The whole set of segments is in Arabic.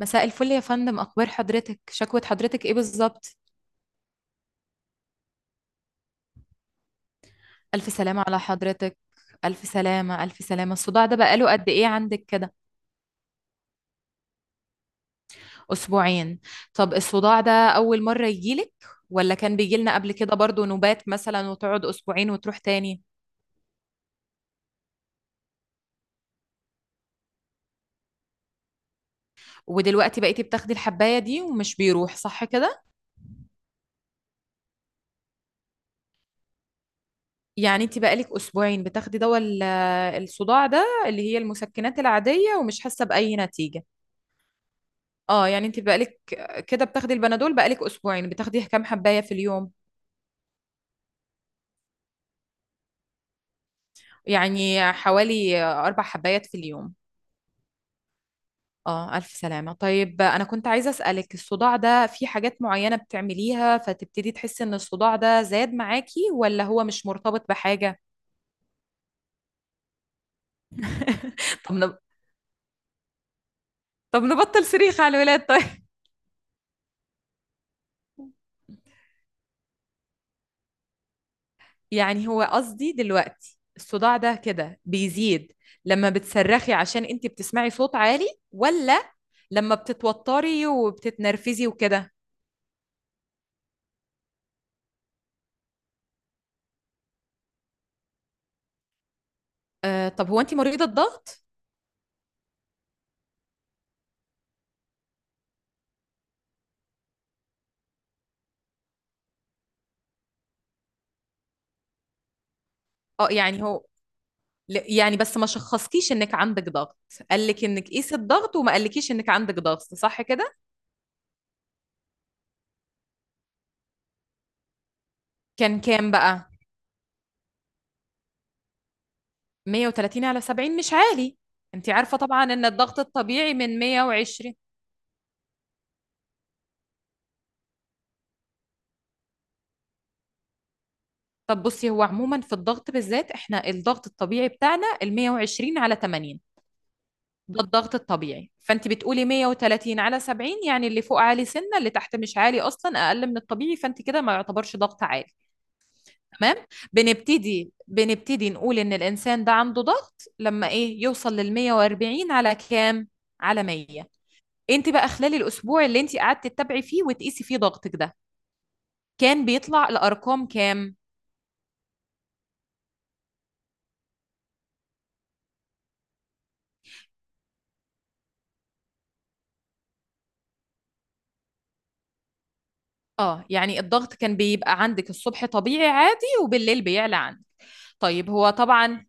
مساء الفل يا فندم، أخبار حضرتك؟ شكوى حضرتك إيه بالظبط؟ ألف سلامة على حضرتك. ألف سلامة ألف سلامة. الصداع ده بقاله قد إيه عندك كده؟ أسبوعين؟ طب الصداع ده أول مرة يجيلك ولا كان بيجيلنا قبل كده برضو نوبات مثلا وتقعد أسبوعين وتروح تاني؟ ودلوقتي بقيتي بتاخدي الحباية دي ومش بيروح صح كده؟ يعني أنت بقالك أسبوعين بتاخدي دواء الصداع ده اللي هي المسكنات العادية ومش حاسة بأي نتيجة. اه يعني انت بقالك كده بتاخدي البنادول، بقالك اسبوعين بتاخدي كام حباية في اليوم؟ يعني حوالي 4 حبايات في اليوم. اه الف سلامة. طيب انا كنت عايزة اسألك، الصداع ده في حاجات معينة بتعمليها فتبتدي تحسي ان الصداع ده زاد معاكي، ولا هو مش مرتبط بحاجة؟ طب نب... طب نبطل صريخ على الولاد طيب. يعني هو قصدي دلوقتي الصداع ده كده بيزيد لما بتصرخي عشان انت بتسمعي صوت عالي، ولا لما بتتوتري وبتتنرفزي وكده؟ آه، طب هو انت مريضة ضغط؟ اه يعني هو يعني بس ما شخصكيش انك عندك ضغط، قالك انك قيسي الضغط وما قالكيش انك عندك ضغط صح كده؟ كان كام بقى؟ 130 على 70 مش عالي. انت عارفة طبعا ان الضغط الطبيعي من 120. طب بصي هو عموما في الضغط بالذات، احنا الضغط الطبيعي بتاعنا ال 120 على 80. ده الضغط الطبيعي، فانت بتقولي 130 على 70 يعني اللي فوق عالي سنه اللي تحت مش عالي اصلا، اقل من الطبيعي، فانت كده ما يعتبرش ضغط عالي. تمام. بنبتدي نقول ان الانسان ده عنده ضغط لما ايه يوصل لل 140 على كام، على 100. انت بقى خلال الاسبوع اللي انت قعدت تتابعي فيه وتقيسي فيه ضغطك ده، كان بيطلع لارقام كام؟ اه يعني الضغط كان بيبقى عندك الصبح طبيعي عادي وبالليل بيعلى عندك. طيب هو طبعا.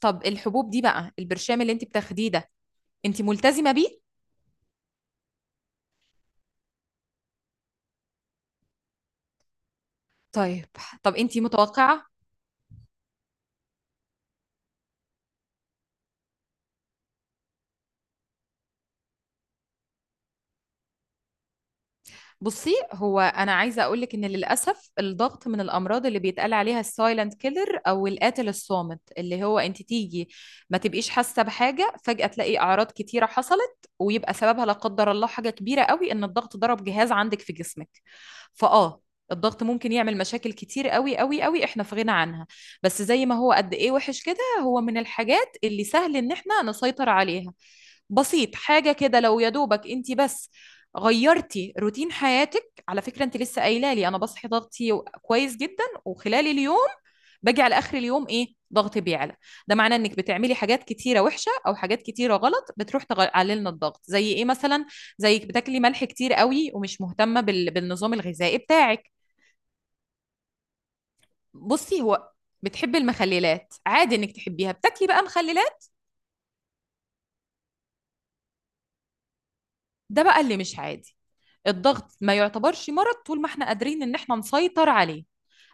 طب الحبوب دي بقى، البرشام اللي انت بتاخديه ده، انت ملتزمة بيه؟ طيب. طب انت متوقعة. بُصّي، هو أنا عايزة أقول لِك إن للأسف الضغط من الأمراض اللي بيتقال عليها الsilent killer أو القاتل الصامت، اللي هو أنتِ تيجي ما تبقيش حاسة بحاجة، فجأة تلاقي أعراض كتيرة حصلت، ويبقى سببها لا قدر الله حاجة كبيرة أوي إن الضغط ضرب جهاز عندِك في جسمِك. فآه، الضغط ممكن يعمل مشاكل كتير أوي، أوي، أوي إحنا في غنى عنها. بس زي ما هو قد إيه وِحِش كده، هو من الحاجات اللي سهل إن إحنا نسيطر عليها. بسيط، حاجة كده لو يا دوبك أنتِ بس غيرتي روتين حياتك. على فكرة انت لسه قايله لي انا بصحي ضغطي كويس جدا، وخلال اليوم باجي على اخر اليوم ايه ضغطي بيعلى. ده معناه انك بتعملي حاجات كتيره وحشه او حاجات كتيره غلط بتروح تقلل لنا الضغط، زي ايه مثلا؟ زيك بتاكلي ملح كتير قوي ومش مهتمه بالنظام الغذائي بتاعك. بصي هو بتحبي المخللات، عادي انك تحبيها، بتاكلي بقى مخللات، ده بقى اللي مش عادي. الضغط ما يعتبرش مرض طول ما احنا قادرين ان احنا نسيطر عليه.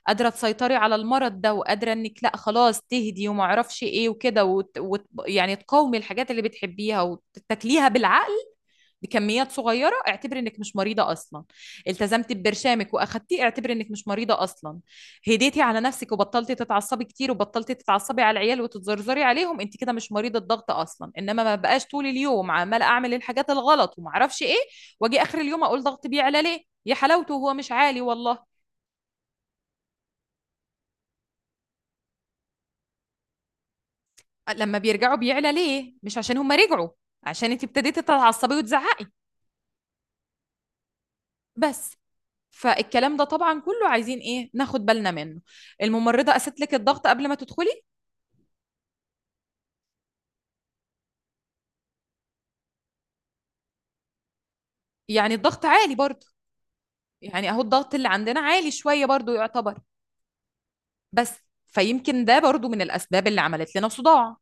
قادره تسيطري على المرض ده، وقادره انك لا خلاص تهدي وما اعرفش ايه وكده يعني تقاومي الحاجات اللي بتحبيها وتاكليها بالعقل، بكميات صغيره، اعتبري انك مش مريضه اصلا. التزمتي ببرشامك واخدتيه اعتبري انك مش مريضه اصلا. هديتي على نفسك وبطلتي تتعصبي كتير وبطلتي تتعصبي على العيال وتتزرزري عليهم، انت كده مش مريضه ضغط اصلا، انما ما بقاش طول اليوم عماله اعمل الحاجات الغلط وما اعرفش ايه واجي اخر اليوم اقول ضغط بيعلى ليه يا حلاوته، هو مش عالي والله. لما بيرجعوا بيعلى ليه؟ مش عشان هم رجعوا، عشان انت ابتديتي تتعصبي وتزعقي بس. فالكلام ده طبعا كله عايزين ايه ناخد بالنا منه. الممرضه قست لك الضغط قبل ما تدخلي. يعني الضغط عالي برضو. يعني اهو الضغط اللي عندنا عالي شويه برضو يعتبر، بس فيمكن ده برضو من الاسباب اللي عملت لنا صداع.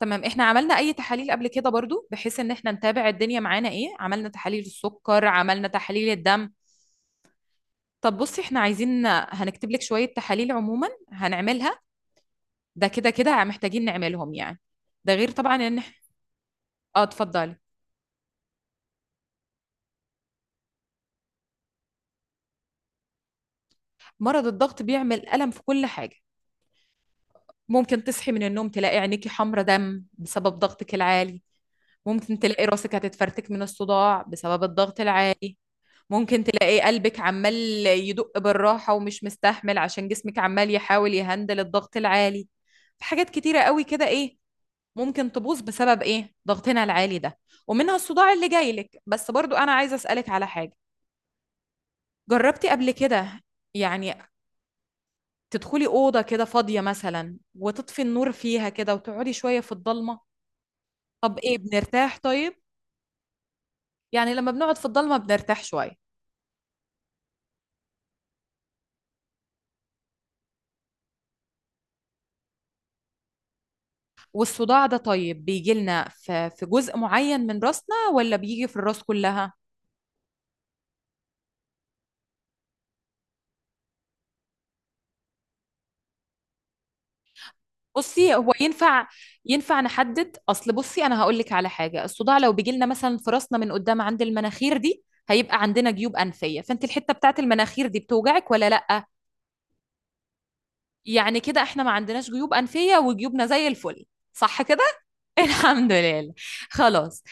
تمام. احنا عملنا اي تحاليل قبل كده برضو بحيث ان احنا نتابع الدنيا معانا ايه، عملنا تحاليل السكر، عملنا تحاليل الدم؟ طب بصي احنا عايزين، هنكتب لك شويه تحاليل عموما هنعملها، ده كده كده محتاجين نعملهم يعني. ده غير طبعا ان اه اتفضلي. مرض الضغط بيعمل ألم في كل حاجة. ممكن تصحي من النوم تلاقي عينيكي حمرة دم بسبب ضغطك العالي. ممكن تلاقي راسك هتتفرتك من الصداع بسبب الضغط العالي. ممكن تلاقي قلبك عمال يدق بالراحة ومش مستحمل عشان جسمك عمال يحاول يهندل الضغط العالي. في حاجات كتيرة قوي كده ايه ممكن تبوظ بسبب ايه ضغطنا العالي ده، ومنها الصداع اللي جاي لك. بس برضو انا عايزة اسألك على حاجة، جربتي قبل كده يعني تدخلي أوضة كده فاضية مثلا وتطفي النور فيها كده وتقعدي شوية في الضلمة؟ طب إيه بنرتاح طيب؟ يعني لما بنقعد في الضلمة بنرتاح شوية. والصداع ده طيب بيجي لنا في جزء معين من راسنا ولا بيجي في الراس كلها؟ بصي هو ينفع، ينفع نحدد، اصل بصي انا هقول لك على حاجه، الصداع لو بيجي لنا مثلا في راسنا من قدام عند المناخير دي، هيبقى عندنا جيوب انفيه، فانت الحته بتاعت المناخير دي بتوجعك ولا لا؟ يعني كده احنا ما عندناش جيوب أنفية وجيوبنا زي الفل صح كده؟ الحمد لله. خلاص.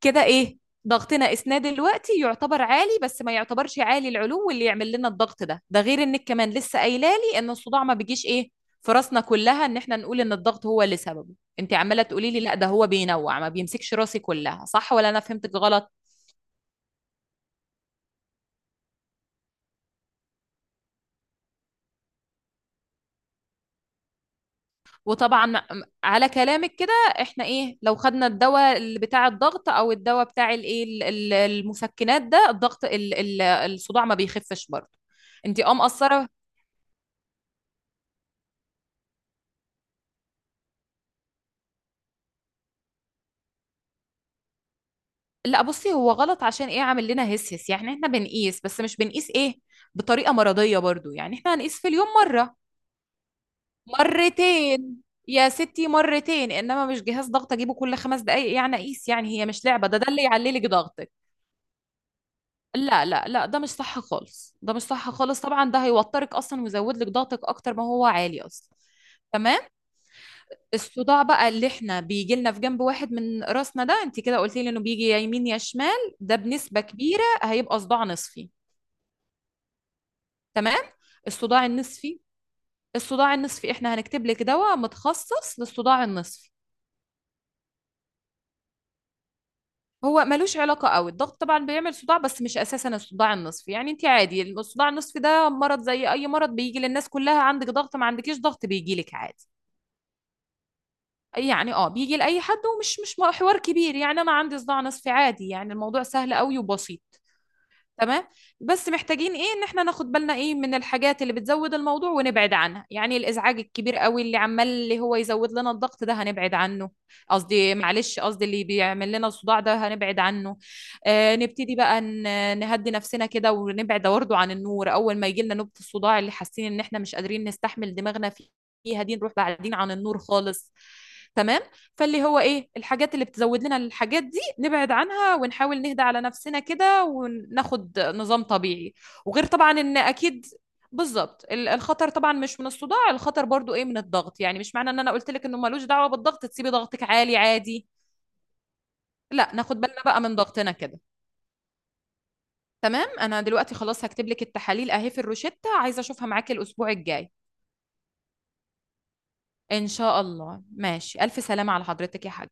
كده ايه ضغطنا اسنان دلوقتي يعتبر عالي بس ما يعتبرش عالي العلو اللي يعمل لنا الضغط ده، ده غير انك كمان لسه قايله لي ان الصداع ما بيجيش ايه في راسنا كلها، ان احنا نقول ان الضغط هو اللي سببه، انت عماله تقولي لي لا ده هو بينوع، ما بيمسكش راسي كلها صح، ولا انا فهمتك غلط؟ وطبعا على كلامك كده احنا ايه لو خدنا الدواء اللي بتاع الضغط او الدواء بتاع الايه المسكنات ده الضغط الصداع ما بيخفش برضه. انت اه مقصره. لا بصي هو غلط عشان ايه، عامل لنا هس هس يعني احنا بنقيس بس مش بنقيس ايه بطريقه مرضيه برضه، يعني احنا هنقيس في اليوم مره، مرتين. يا ستي مرتين، انما مش جهاز ضغط اجيبه كل 5 دقايق يعني اقيس، يعني هي مش لعبه، ده ده اللي يعلي لك ضغط. لا لا لا ده مش صح خالص، ده مش صح خالص طبعا، ده هيوترك اصلا ويزود لك ضغطك اكتر ما هو عالي اصلا. تمام. الصداع بقى اللي احنا بيجي لنا في جنب واحد من راسنا ده، انت كده قلتي لي انه بيجي يا يمين يا شمال، ده بنسبة كبيرة هيبقى صداع نصفي. تمام. الصداع النصفي، الصداع النصفي احنا هنكتب لك دواء متخصص للصداع النصفي. هو ملوش علاقة قوي الضغط، طبعا بيعمل صداع بس مش أساسا الصداع النصفي، يعني انت عادي الصداع النصفي ده مرض زي أي مرض بيجي للناس كلها، عندك ضغط ما عندكيش ضغط بيجي لك عادي. يعني اه بيجي لأي حد ومش مش حوار كبير، يعني أنا عندي صداع نصفي عادي، يعني الموضوع سهل قوي وبسيط. تمام. بس محتاجين ايه ان احنا ناخد بالنا ايه من الحاجات اللي بتزود الموضوع ونبعد عنها، يعني الازعاج الكبير قوي اللي عمال اللي هو يزود لنا الضغط ده هنبعد عنه. قصدي معلش، قصدي اللي بيعمل لنا الصداع ده هنبعد عنه. آه نبتدي بقى نهدي نفسنا كده ونبعد برضه عن النور اول ما يجي لنا نوبة الصداع اللي حاسين ان احنا مش قادرين نستحمل دماغنا فيها دي، نروح بعدين عن النور خالص. تمام. فاللي هو ايه الحاجات اللي بتزود لنا الحاجات نبعد عنها ونحاول نهدى على نفسنا كده وناخد نظام طبيعي. وغير طبعا ان اكيد بالظبط الخطر طبعا مش من الصداع، الخطر برضو ايه من الضغط، يعني مش معنى ان انا قلت لك انه ملوش دعوة بالضغط تسيبي ضغطك عالي عادي. لا ناخد بالنا بقى من ضغطنا كده. تمام. انا دلوقتي خلاص هكتب لك التحاليل اهي في الروشتة، عايزة اشوفها معاكي الاسبوع الجاي. ان شاء الله، ماشي، الف سلامة على حضرتك يا حاج.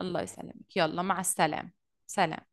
الله يسلمك، يلا مع السلامة. سلام.